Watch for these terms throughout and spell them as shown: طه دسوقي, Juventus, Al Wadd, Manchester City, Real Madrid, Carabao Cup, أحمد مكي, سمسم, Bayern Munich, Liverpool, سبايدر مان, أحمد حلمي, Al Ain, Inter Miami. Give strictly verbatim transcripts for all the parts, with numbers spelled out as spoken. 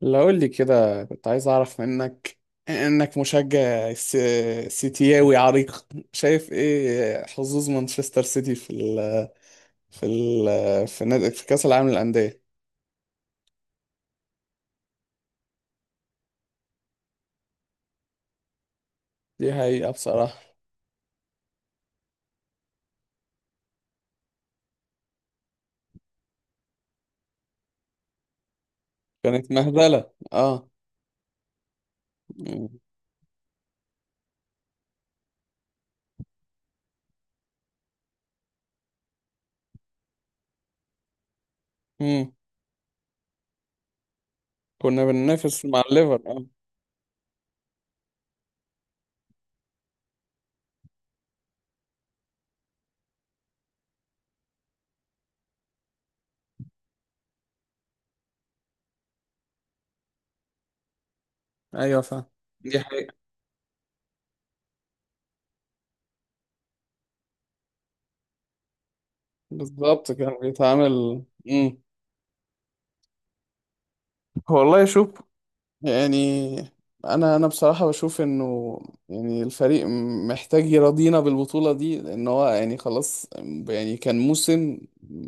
لو قول لي كده كنت عايز اعرف منك انك مشجع س- سيتياوي عريق. شايف ايه حظوظ مانشستر سيتي في ال في ال في, نادي في كأس العالم للأندية؟ دي حقيقة بصراحة. كانت مهزلة، اه. امم كنا بننافس مع الليفر، اه. ايوه فاهم. دي حقيقة بالظبط. كان بيتعامل. امم والله شوف، يعني انا انا بصراحه بشوف انه يعني الفريق محتاج يرضينا بالبطوله دي، لان هو يعني خلاص. يعني كان موسم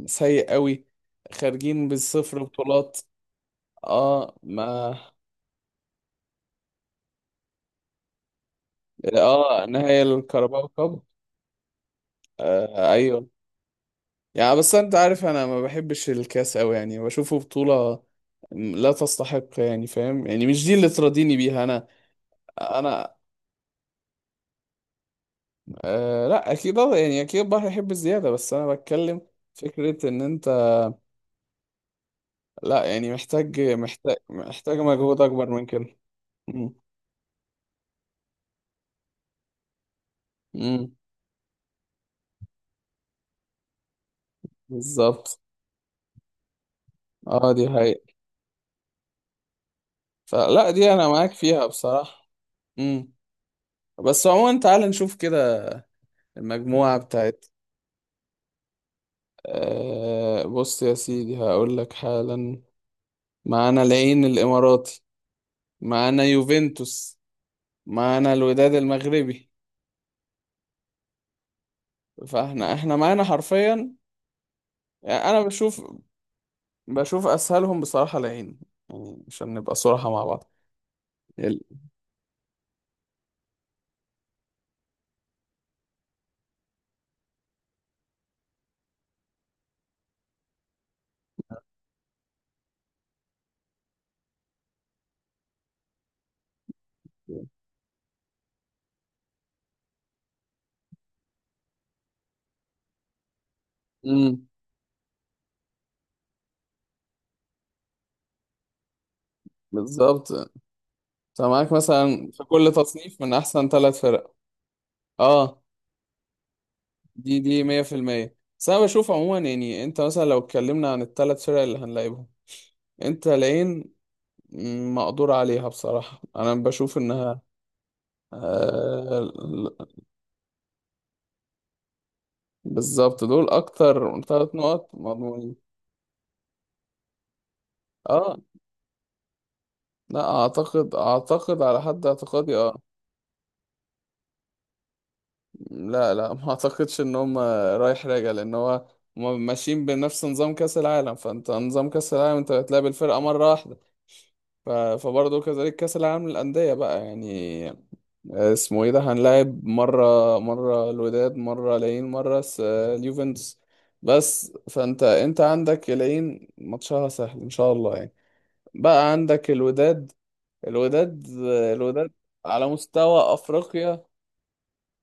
سيء قوي، خارجين بالصفر بطولات. اه ما. اه، نهائي الكاراباو كاب. آه ايوه. يعني بس انت عارف انا ما بحبش الكاس قوي، يعني بشوفه بطوله لا تستحق، يعني فاهم، يعني مش دي اللي ترضيني بيها انا. انا أه لا اكيد، اه، يعني اكيد البحر يحب الزياده، بس انا بتكلم فكره ان انت لا يعني محتاج محتاج محتاج مجهود اكبر من كده. مم. مم. بالظبط، اه. دي حقيقة، فلا دي انا معاك فيها بصراحه. مم. بس عموما تعال نشوف كده المجموعه بتاعت. أه بص يا سيدي هقول لك حالا. معانا العين الاماراتي، معانا يوفنتوس، معانا الوداد المغربي. فاحنا احنا معانا حرفيا، يعني انا بشوف. بشوف اسهلهم بصراحه العين، يعني عشان نبقى صراحه مع بعض. ال- امم. بالظبط، انت معاك مثلا في كل تصنيف من احسن ثلاث فرق. اه، دي دي مئة في المئة. بس انا بشوف عموما، يعني انت مثلا لو اتكلمنا عن الثلاث فرق اللي هنلاعبهم، انت العين. مم، مقدور عليها بصراحه، انا بشوف انها. آه ال- بالظبط، دول اكتر ثلاث نقط مضمونين. اه لا اعتقد، اعتقد على حد اعتقادي، اه. لا لا، ما اعتقدش ان هم رايح راجع، لان هو هم ماشيين بنفس نظام كاس العالم، فانت نظام كاس العالم انت بتلعب الفرقه مره واحده. ف... فبرضه كذلك كاس العالم للانديه بقى، يعني آه، اسمه ايه ده، هنلاعب مره. مره الوداد، مره العين، مره س... اليوفنتوس. بس فانت انت عندك العين ماتشها سهل ان شاء الله، يعني. بقى عندك الوداد. الوداد، آه، الوداد. على مستوى افريقيا.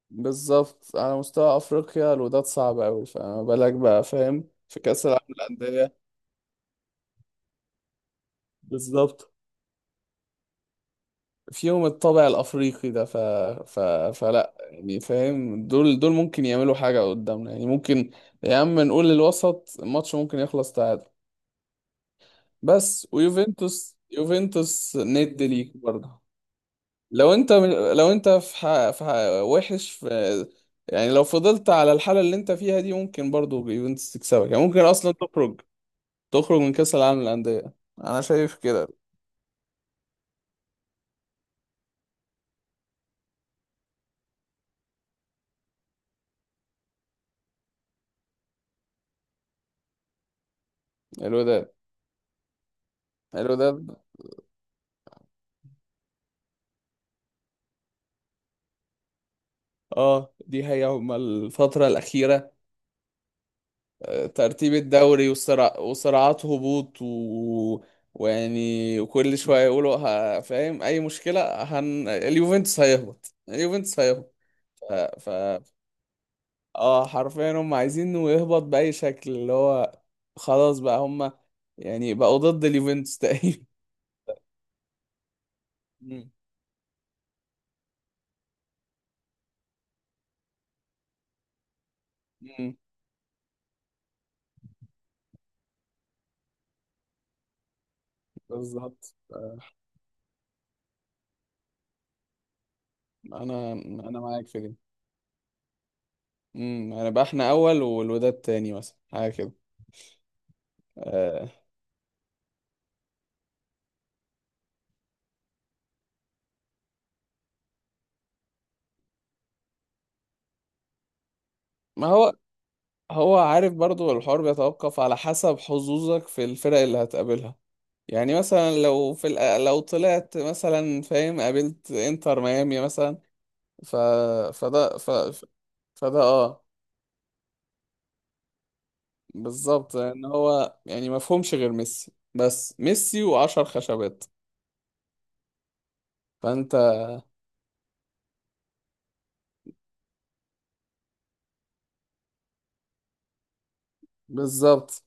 بالظبط، على مستوى افريقيا الوداد صعب قوي، فما بالك بقى، فاهم، في كاس العالم للانديه. بالظبط. فيهم الطابع الافريقي ده. ف... ف... فلا يعني فاهم، دول دول ممكن يعملوا حاجه قدامنا، يعني ممكن. يا عم نقول للوسط الماتش ممكن يخلص تعادل. بس ويوفنتوس، يوفنتوس ند ليك برضه. لو انت، لو انت في ح... في ح... وحش في، يعني لو فضلت على الحاله اللي انت فيها دي ممكن برضه يوفنتوس تكسبك، يعني ممكن اصلا تخرج، تخرج من كأس العالم للأندية. أنا شايف كده. الوداد، الوداد، اه دي هي هما الفترة الأخيرة. آه، ترتيب الدوري والصراع، وصراعات هبوط، و... ويعني، وكل شوية يقولوا ه... فاهم أي مشكلة هن... اليوفنتوس هيهبط، اليوفنتوس هيهبط. ف... ف... اه حرفيا هم عايزينه يهبط بأي شكل، اللي هو خلاص بقى هم، يعني بقوا ضد اليوفنتوس تقريبا. مم. مم. بالظبط، انا انا معاك في دي. امم، هنبقى احنا اول والوداد تاني مثلا، حاجه كده. آه. ما هو. هو عارف برضو الحوار بيتوقف على حسب حظوظك في الفرق اللي هتقابلها. يعني مثلا لو في الأ- لو طلعت مثلا فاهم قابلت انتر ميامي مثلا، ف فده ف... ف- فده اه. بالظبط، ان هو يعني مفهومش غير ميسي، بس ميسي وعشر خشبات. فانت، بالظبط.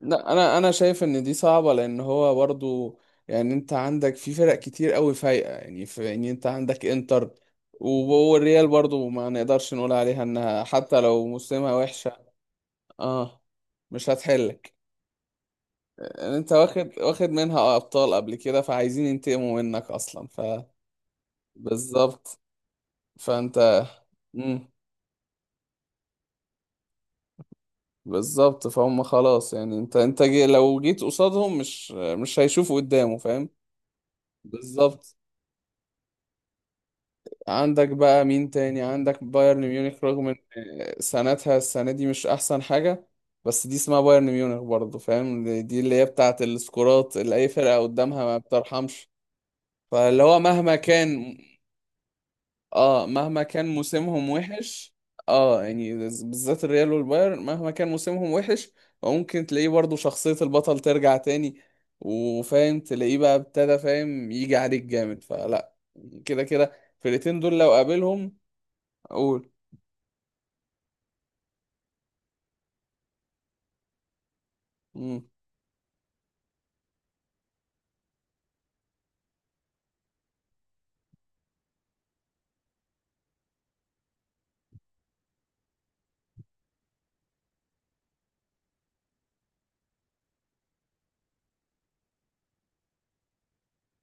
لا انا، انا شايف ان دي صعبه، لان هو برضو، يعني انت عندك في فرق كتير قوي فايقه، يعني في، يعني انت عندك انتر، و- والريال برضو ما نقدرش نقول عليها انها حتى لو موسمها وحشه. اه مش هتحلك. يعني انت واخد، واخد منها ابطال قبل كده، فعايزين ينتقموا منك اصلا، ف بالظبط. فانت، مم. بالظبط، فهم خلاص، يعني انت انت جي، لو جيت قصادهم مش مش هيشوفوا قدامه، فاهم. بالظبط. عندك بقى مين تاني؟ عندك بايرن ميونخ، رغم ان سنتها السنة دي مش احسن حاجة، بس دي اسمها بايرن ميونخ برضه، فاهم، دي دي اللي هي بتاعة السكورات اللي اي فرقة قدامها ما بترحمش. فاللي هو مهما كان، اه مهما كان موسمهم وحش، اه يعني بالذات الريال والبايرن مهما كان موسمهم وحش. وممكن تلاقيه برضه شخصية البطل ترجع تاني، وفاهم تلاقيه بقى ابتدى فاهم يجي عليك جامد، فلا، كده كده الفرقتين دول لو قابلهم. قول. مم.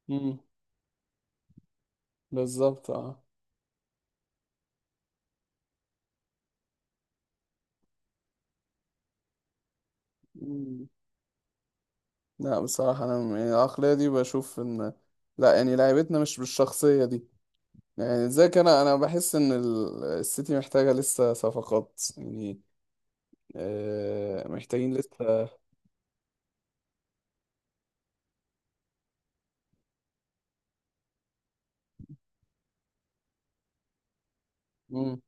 مم. بالظبط، اه. مم. لا بصراحة، أنا م- يعني العقلية دي بشوف إن، لا يعني لعيبتنا مش بالشخصية دي، يعني ازيك، أنا أنا بحس إن ال- السيتي محتاجة لسه صفقات، يعني آه محتاجين لسه. مم.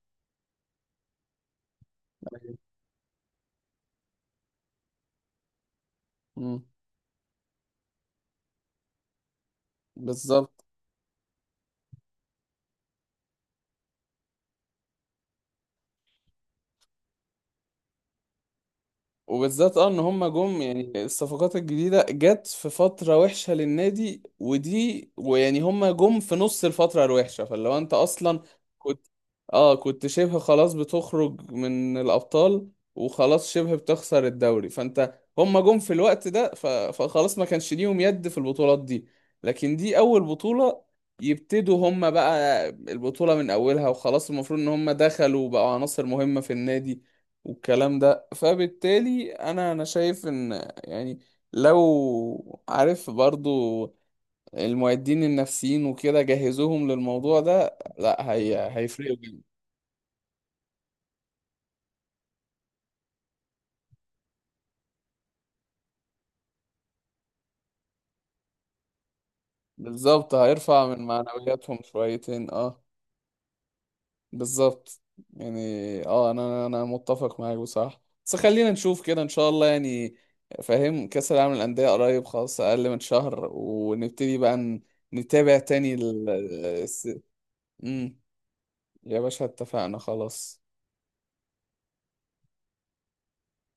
مم. بالظبط. وبالذات اه ان هم جم، يعني الصفقات الجديده جت في فتره وحشه للنادي، ودي ويعني هم جم في نص الفتره الوحشه، فلو انت اصلا كنت، اه كنت شبه خلاص بتخرج من الابطال، وخلاص شبه بتخسر الدوري، فانت هم جم في الوقت ده، ف... فخلاص ما كانش ليهم يد في البطولات دي. لكن دي اول بطوله يبتدوا هم بقى البطوله من اولها، وخلاص المفروض ان هم دخلوا وبقوا عناصر مهمه في النادي، والكلام ده. فبالتالي انا انا شايف ان يعني، لو عارف برضو المعدين النفسيين وكده جهزوهم للموضوع ده، لا هي هيفرقوا جدا. بالظبط، هيرفع من معنوياتهم شويتين، اه. بالظبط، يعني اه انا انا متفق معاك بصراحة، بس خلينا نشوف كده ان شاء الله، يعني فاهم كأس العالم للأندية قريب خلاص، اقل من شهر ونبتدي بقى ن- نتابع تاني ال... الس- مم. يا باشا اتفقنا خلاص.